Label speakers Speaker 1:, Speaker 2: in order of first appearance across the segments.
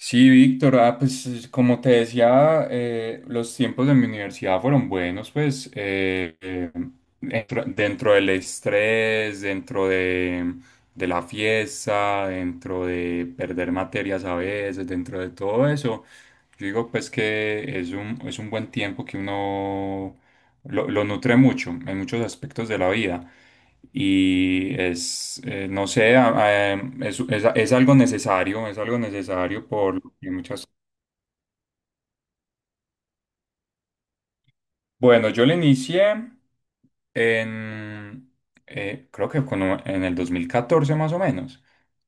Speaker 1: Sí, Víctor, ah, pues como te decía, los tiempos de mi universidad fueron buenos, pues dentro del estrés, dentro de la fiesta, dentro de perder materias a veces, dentro de todo eso, yo digo pues que es un buen tiempo que uno lo nutre mucho en muchos aspectos de la vida. Y es, no sé, es algo necesario, es algo necesario por lo que muchas... Bueno, yo le inicié en, creo que en el 2014 más o menos,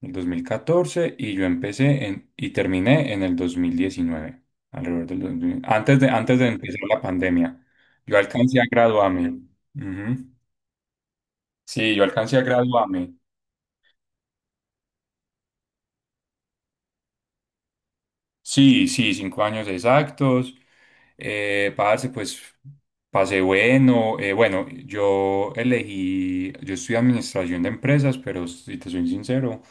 Speaker 1: el 2014 y y terminé en el 2019 alrededor del 2000 antes de empezar la pandemia. Yo alcancé a graduarme. Ujú. Sí, yo alcancé a graduarme. Sí, sí, 5 años exactos. Parce, pues pasé bueno. Bueno, yo estudié administración de empresas, pero si te soy sincero,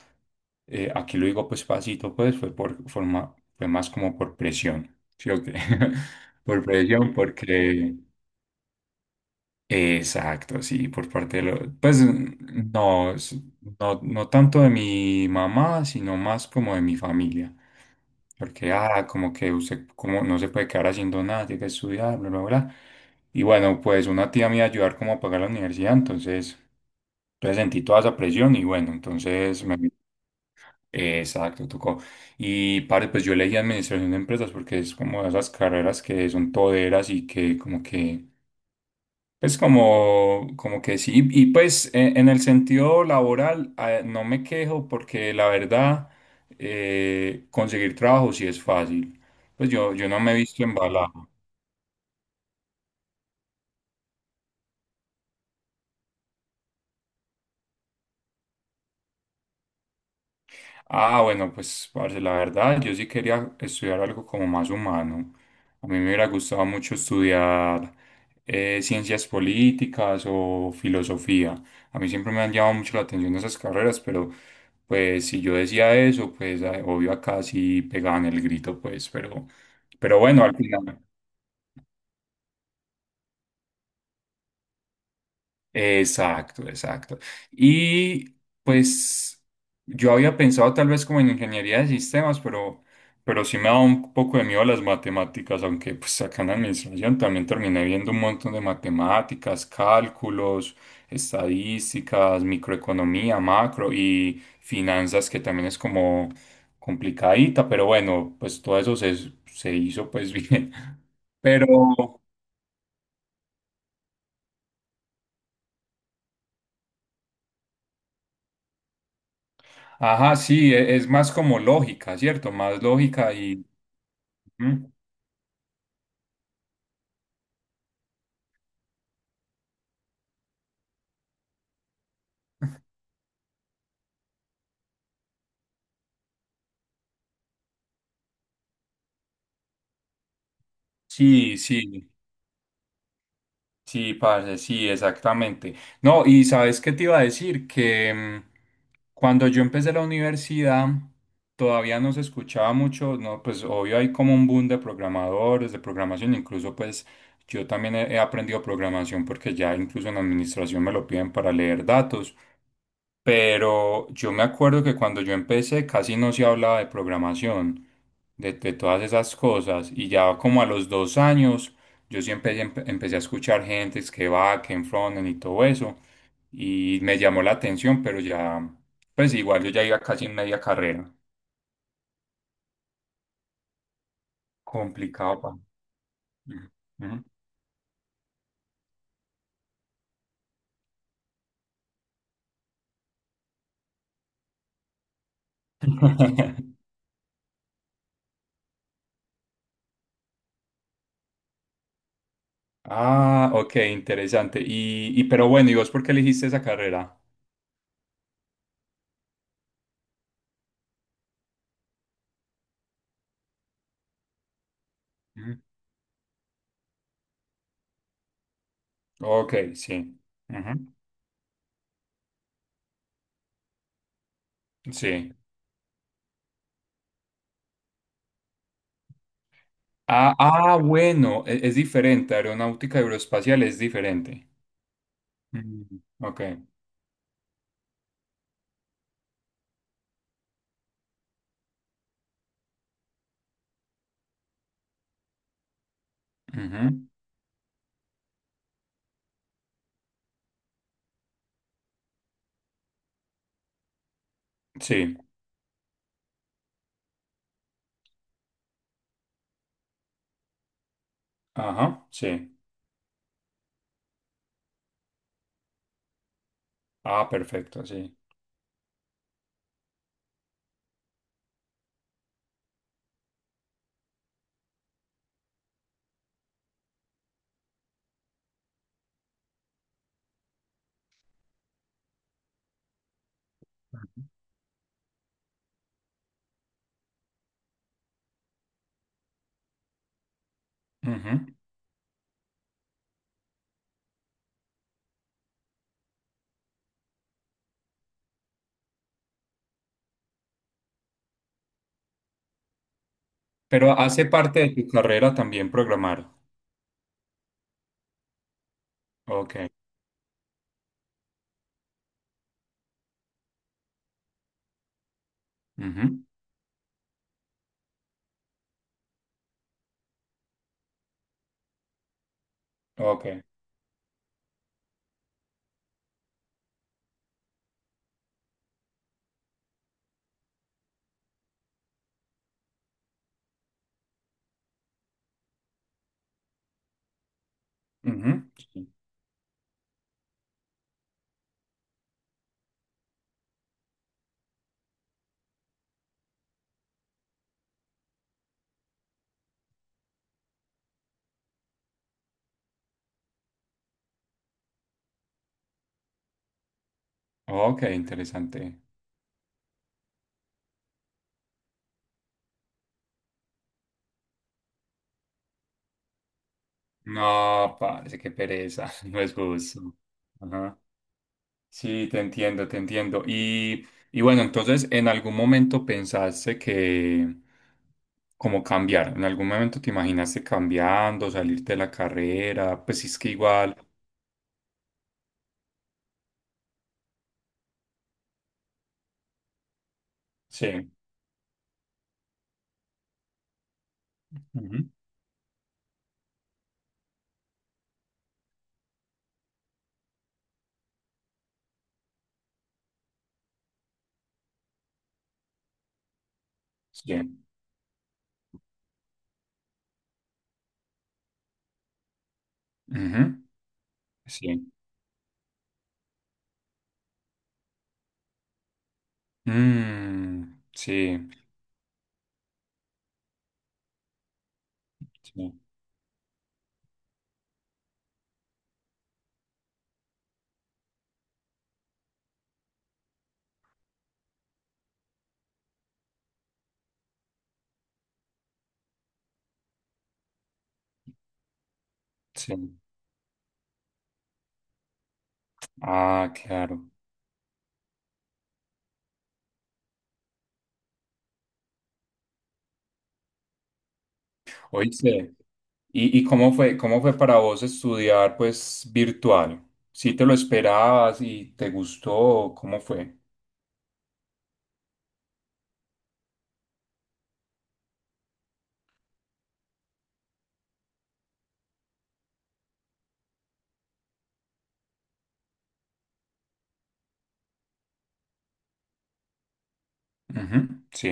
Speaker 1: aquí lo digo pues pasito, pues fue más como por presión, ¿sí o qué? Por presión, porque exacto, sí, por parte de lo, pues no, no, no tanto de mi mamá, sino más como de mi familia. Porque, ah, como que usted como no se puede quedar haciendo nada, tiene que estudiar, bla, bla, bla. Y bueno, pues una tía me iba a ayudar como a pagar la universidad, entonces, entonces sentí toda esa presión y bueno, entonces me... Exacto, tocó. Y padre, pues yo elegí administración de empresas porque es como de esas carreras que son toderas y que como que pues como que sí, y pues en el sentido laboral no me quejo porque la verdad, conseguir trabajo sí es fácil. Pues yo no me he visto embalado. Ah, bueno, pues, parce, la verdad, yo sí quería estudiar algo como más humano. A mí me hubiera gustado mucho estudiar ciencias políticas o filosofía. A mí siempre me han llamado mucho la atención esas carreras, pero pues si yo decía eso, pues obvio acá sí pegaban el grito, pues, pero bueno, al final. Exacto, exacto. Y pues yo había pensado tal vez como en ingeniería de sistemas, pero sí me da un poco de miedo las matemáticas, aunque pues acá en la administración también terminé viendo un montón de matemáticas, cálculos, estadísticas, microeconomía, macro y finanzas, que también es como complicadita, pero bueno, pues todo eso se hizo pues bien. Pero... Ajá, sí, es más como lógica, ¿cierto? Más lógica y mm, sí, sí, sí, parce, sí, exactamente. No, y sabes qué te iba a decir, que cuando yo empecé la universidad todavía no se escuchaba mucho, no, pues obvio hay como un boom de programadores, de programación, incluso pues yo también he aprendido programación porque ya incluso en administración me lo piden para leer datos. Pero yo me acuerdo que cuando yo empecé casi no se hablaba de programación, de todas esas cosas. Y ya como a los 2 años, yo sí empecé a escuchar gente que va, que en frontend y todo eso. Y me llamó la atención, pero ya, pues igual yo ya iba casi en media carrera. Complicado, pa. Ujú. Ujú. Ah, ok, interesante. Y pero bueno, ¿y vos por qué elegiste esa carrera? Ujú. Ok, sí. Ujú. Sí. Ah, ah, bueno, es diferente, aeronáutica aeroespacial es diferente. Mm, ok, ujú, sí, ajá, sí. Ah, perfecto, sí. Ujú. Pero hace parte de tu carrera también programar. Ok, ujú, ok, ujú, sí. Ok, interesante. No, parece que pereza, no es justo. Ajá. Sí, te entiendo, te entiendo. Y bueno, entonces, ¿en algún momento pensaste que, como cambiar? ¿En algún momento te imaginaste cambiando, salir de la carrera? Pues si es que igual. Sí. Ujú. Sí. Ujú. Sí. Mm, sí. Sí. Sí. Ah, claro. Oíste. Y cómo fue para vos estudiar, pues, virtual? ¿Sí te lo esperabas y te gustó? ¿Cómo fue? Ujú. Sí.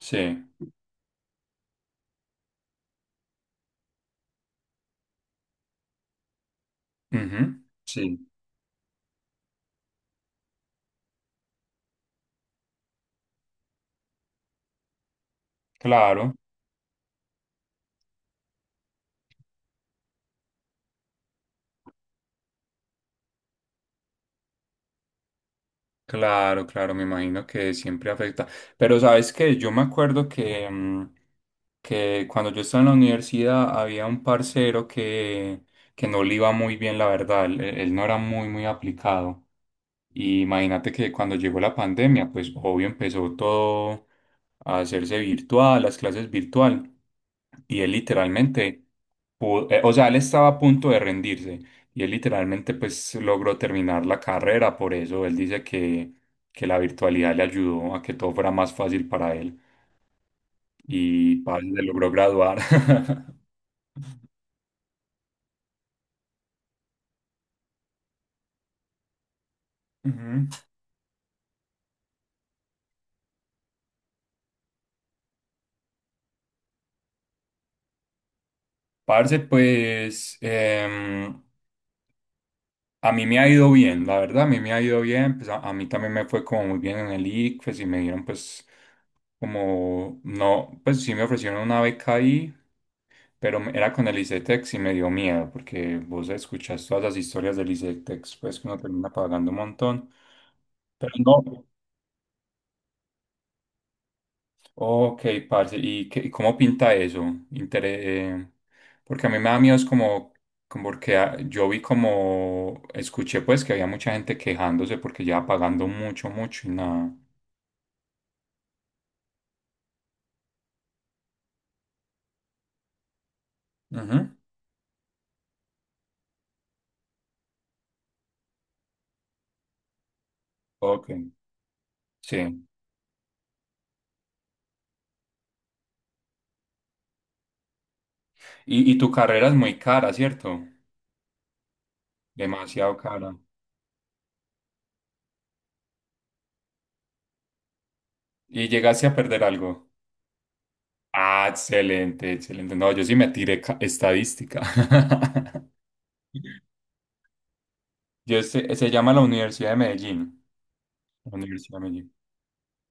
Speaker 1: Sí. Ujú. Sí. Claro, claro, claro, me imagino que siempre afecta. Pero sabes que yo me acuerdo que, que cuando yo estaba en la universidad había un parcero que no le iba muy bien, la verdad. Él no era muy, muy aplicado. Y imagínate que cuando llegó la pandemia, pues obvio empezó todo a hacerse virtual, las clases virtual. Y él literalmente, o sea, él estaba a punto de rendirse. Y él literalmente pues logró terminar la carrera. Por eso él dice que la virtualidad le ayudó a que todo fuera más fácil para él. Y parce, se logró graduar. Ujú. Parce, pues... a mí me ha ido bien, la verdad, a mí me ha ido bien, pues a mí también me fue como muy bien en el ICFES y me dieron pues como, no, pues sí me ofrecieron una beca ahí, pero era con el ICETEX y me dio miedo porque vos escuchás todas las historias del ICETEX, pues que uno termina pagando un montón, pero no. Ok, parce, ¿y qué- y cómo pinta eso? Intere- eh, porque a mí me da miedo, es como, como porque ah, escuché pues que había mucha gente quejándose porque ya pagando mucho, mucho y nada. Ujú. Ok, sí. Y tu carrera es muy cara, ¿cierto? Demasiado cara. ¿Y llegaste a perder algo? Ah, excelente, excelente. No, yo sí me tiré estadística. Yo, se llama la Universidad de Medellín. La Universidad de Medellín.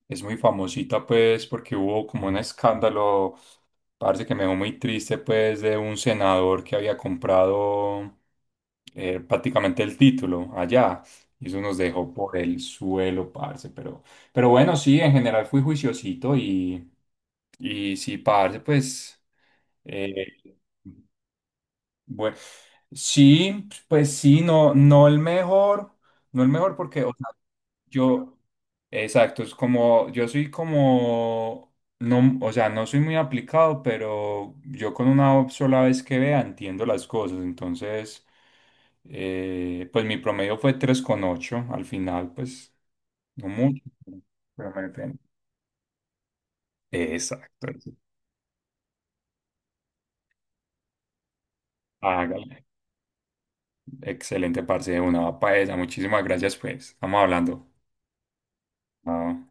Speaker 1: Es muy famosita, pues, porque hubo como un escándalo, parece que me dejó muy triste, pues, de un senador que había comprado prácticamente el título allá. Y eso nos dejó por el suelo, parce. Pero bueno, sí, en general fui juiciosito y sí, parce, pues, eh, bueno, sí, pues sí, no, no el mejor, no el mejor porque, o sea, yo, exacto, es como, yo soy como, no, o sea, no soy muy aplicado, pero yo con una sola vez que vea entiendo las cosas, entonces, pues mi promedio fue 3,8 al final, pues, no mucho, pero me defiendo. Exacto, eso. Hágale, excelente parce, de una papa esa, muchísimas gracias, pues, estamos hablando. No.